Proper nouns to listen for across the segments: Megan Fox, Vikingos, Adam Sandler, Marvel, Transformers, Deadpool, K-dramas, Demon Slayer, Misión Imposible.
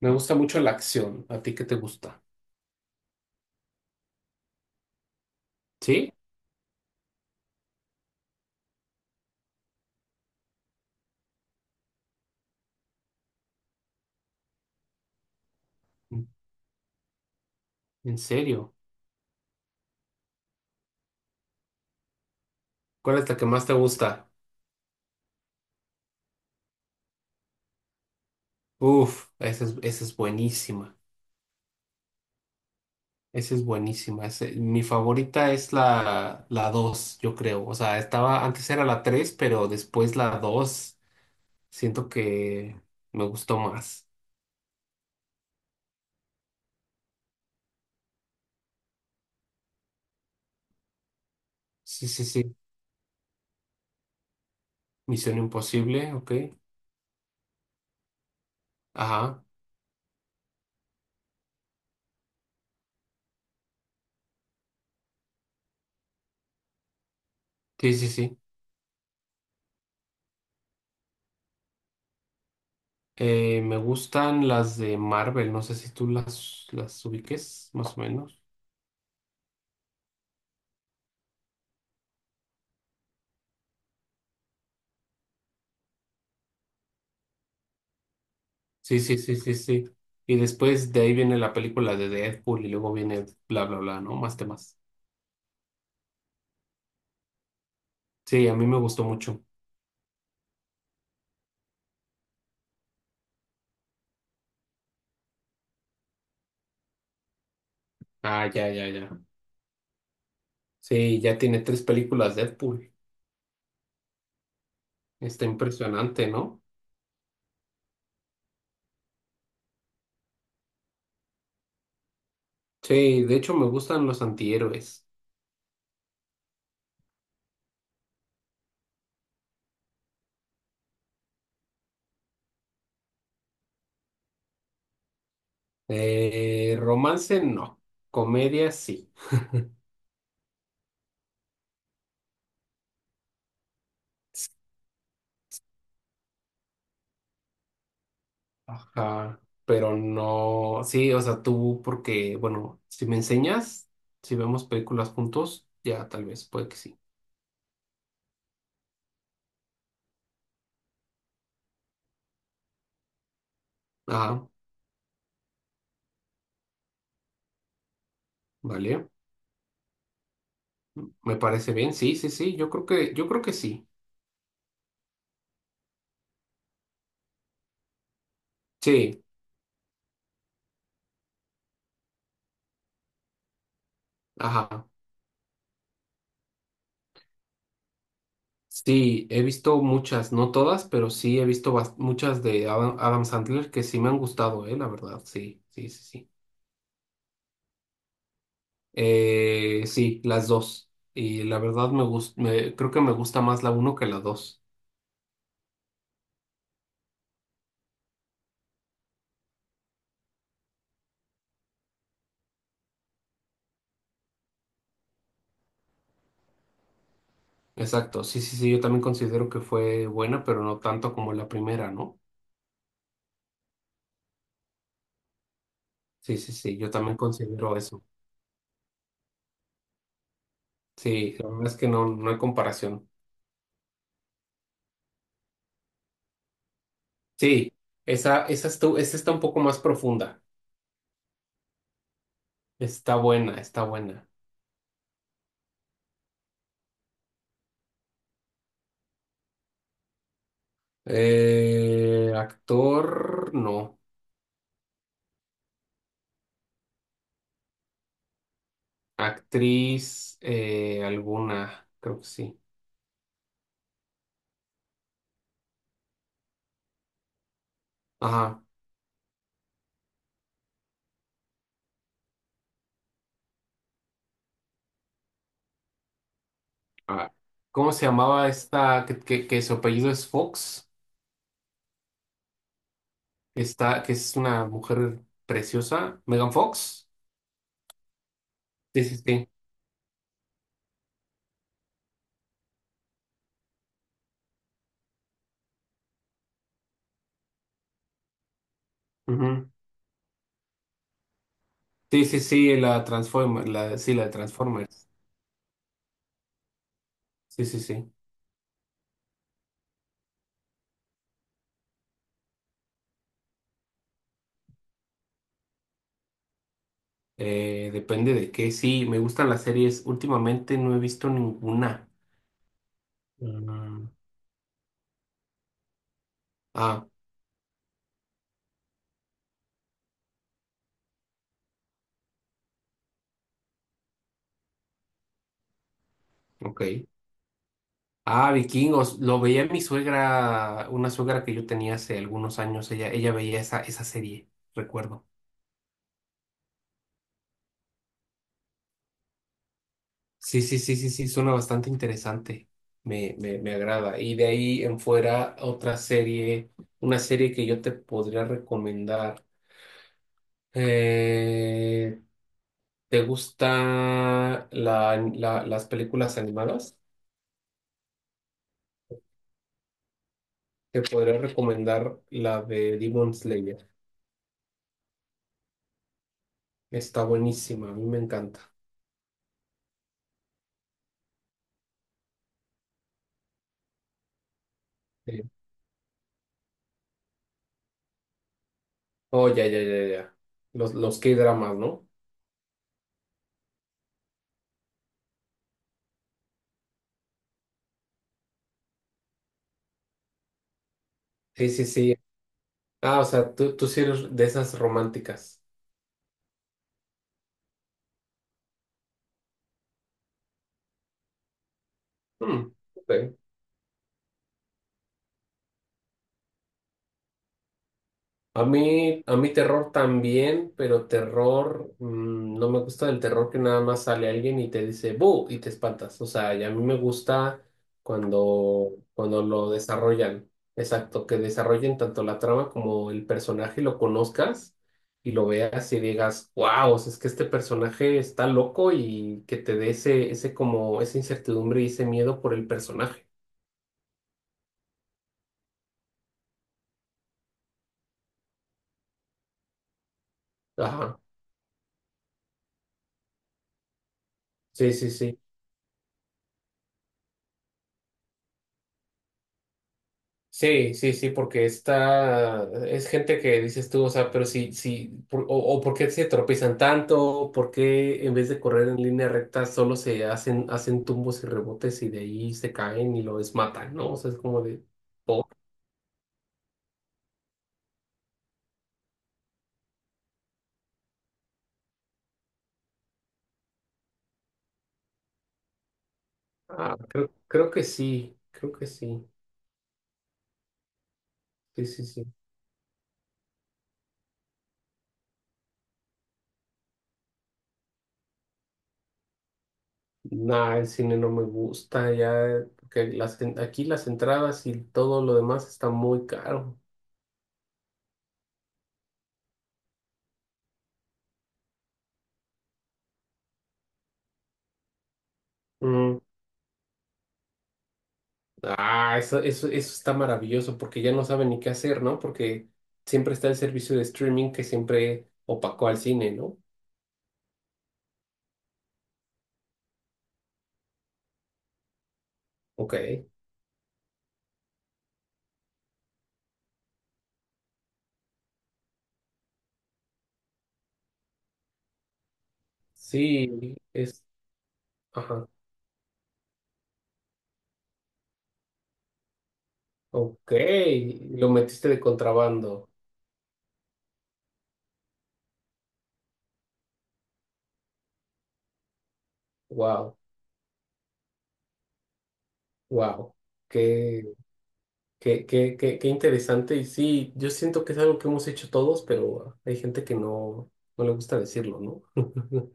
Me gusta mucho la acción. ¿A ti qué te gusta? ¿Sí? ¿En serio? ¿Cuál es la que más te gusta? Uf, esa es buenísima. Esa es buenísima. Mi favorita es la 2 yo creo. O sea, estaba, antes era la 3 pero después la 2 siento que me gustó más. Sí, sí, sí. Misión Imposible, ok. Ajá. Sí, sí, sí. Me gustan las de Marvel. No sé si tú las ubiques, más o menos. Sí, sí, sí, sí, sí. Y después de ahí viene la película de Deadpool y luego viene bla, bla, bla, ¿no? Más temas. Sí, a mí me gustó mucho. Ah, ya, ya, ya. Sí, ya tiene tres películas Deadpool. Está impresionante, ¿no? Sí, de hecho me gustan los antihéroes. Romance no, comedia sí. Ajá, pero no, sí, o sea, tú porque, bueno, si me enseñas, si vemos películas juntos, ya tal vez, puede que sí. Ajá, vale. Me parece bien, sí, sí, sí, yo creo que sí. Sí, ajá. Sí, he visto muchas, no todas, pero sí he visto muchas de Adam Sandler que sí me han gustado, la verdad, sí, sí, sí, sí. Sí, las dos. Y la verdad me gusta, creo que me gusta más la uno que la dos. Exacto, sí, sí, sí, yo también considero que fue buena, pero no tanto como la primera, ¿no? Sí, sí, sí, yo también considero eso. Sí, la verdad es que no, no hay comparación. Sí, esa está un poco más profunda. Está buena, está buena. Actor, no. Actriz, alguna, creo que sí. Ajá. Ah, ¿cómo se llamaba esta que su apellido es Fox? Está, que es una mujer preciosa. ¿Megan Fox? Sí, sí, sí. Ujú. Sí, sí, sí, la Transformers, la, sí, la de Transformers. Sí, sí, sí. Depende de qué. Sí, me gustan las series. Últimamente no he visto ninguna. Mm. Ah, ok. Ah, Vikingos. Lo veía mi suegra, una suegra que yo tenía hace algunos años. Ella veía esa serie, recuerdo. Sí, sí, sí, sí, sí, suena bastante interesante. Me agrada. Y de ahí en fuera, otra serie, una serie que yo te podría recomendar. Eh, ¿Te gustan las películas animadas? Te podría recomendar la de Demon Slayer. Está buenísima, a mí me encanta. Sí. Oh, ya, ya, ya, ya. Los K-dramas, ¿no? Sí, sí, sí. Ah, o sea, tú sí eres de esas románticas. Hmm, ok. A mí terror también, pero terror, mm, no me gusta el terror que nada más sale alguien y te dice ¡bu! Y te espantas. O sea, y a mí me gusta cuando lo desarrollan. Exacto, que desarrollen tanto la trama como el personaje, lo conozcas y lo veas y digas, wow, es que este personaje está loco y que te dé ese como, esa incertidumbre y ese miedo por el personaje. Ajá, sí, sí, sí. Sí, sí, sí, porque está, es gente que dices tú, o sea, pero sí, sí, o por qué se tropiezan tanto, por qué en vez de correr en línea recta solo se hacen, hacen tumbos y rebotes y de ahí se caen y lo desmatan, ¿no? O sea, es como de, "Oh, ah, creo, creo que sí, sí, sí, sí". Nah, el cine no me gusta ya, porque las, aquí las entradas y todo lo demás está muy caro. Mm. Ah, eso está maravilloso porque ya no saben ni qué hacer, ¿no? Porque siempre está el servicio de streaming que siempre opacó al cine, ¿no? Ok. Sí, es. Ajá. Ok. Lo metiste de contrabando. Wow, wow. Qué, qué interesante. Y sí, yo siento que es algo que hemos hecho todos, pero hay gente que no, no le gusta decirlo, ¿no?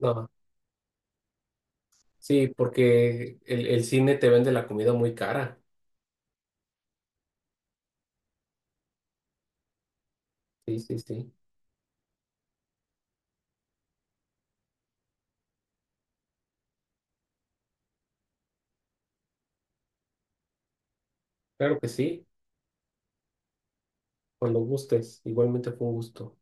No. Sí, porque el cine te vende la comida muy cara. Sí, sí, sí. Claro que sí, cuando gustes. Igualmente fue un gusto.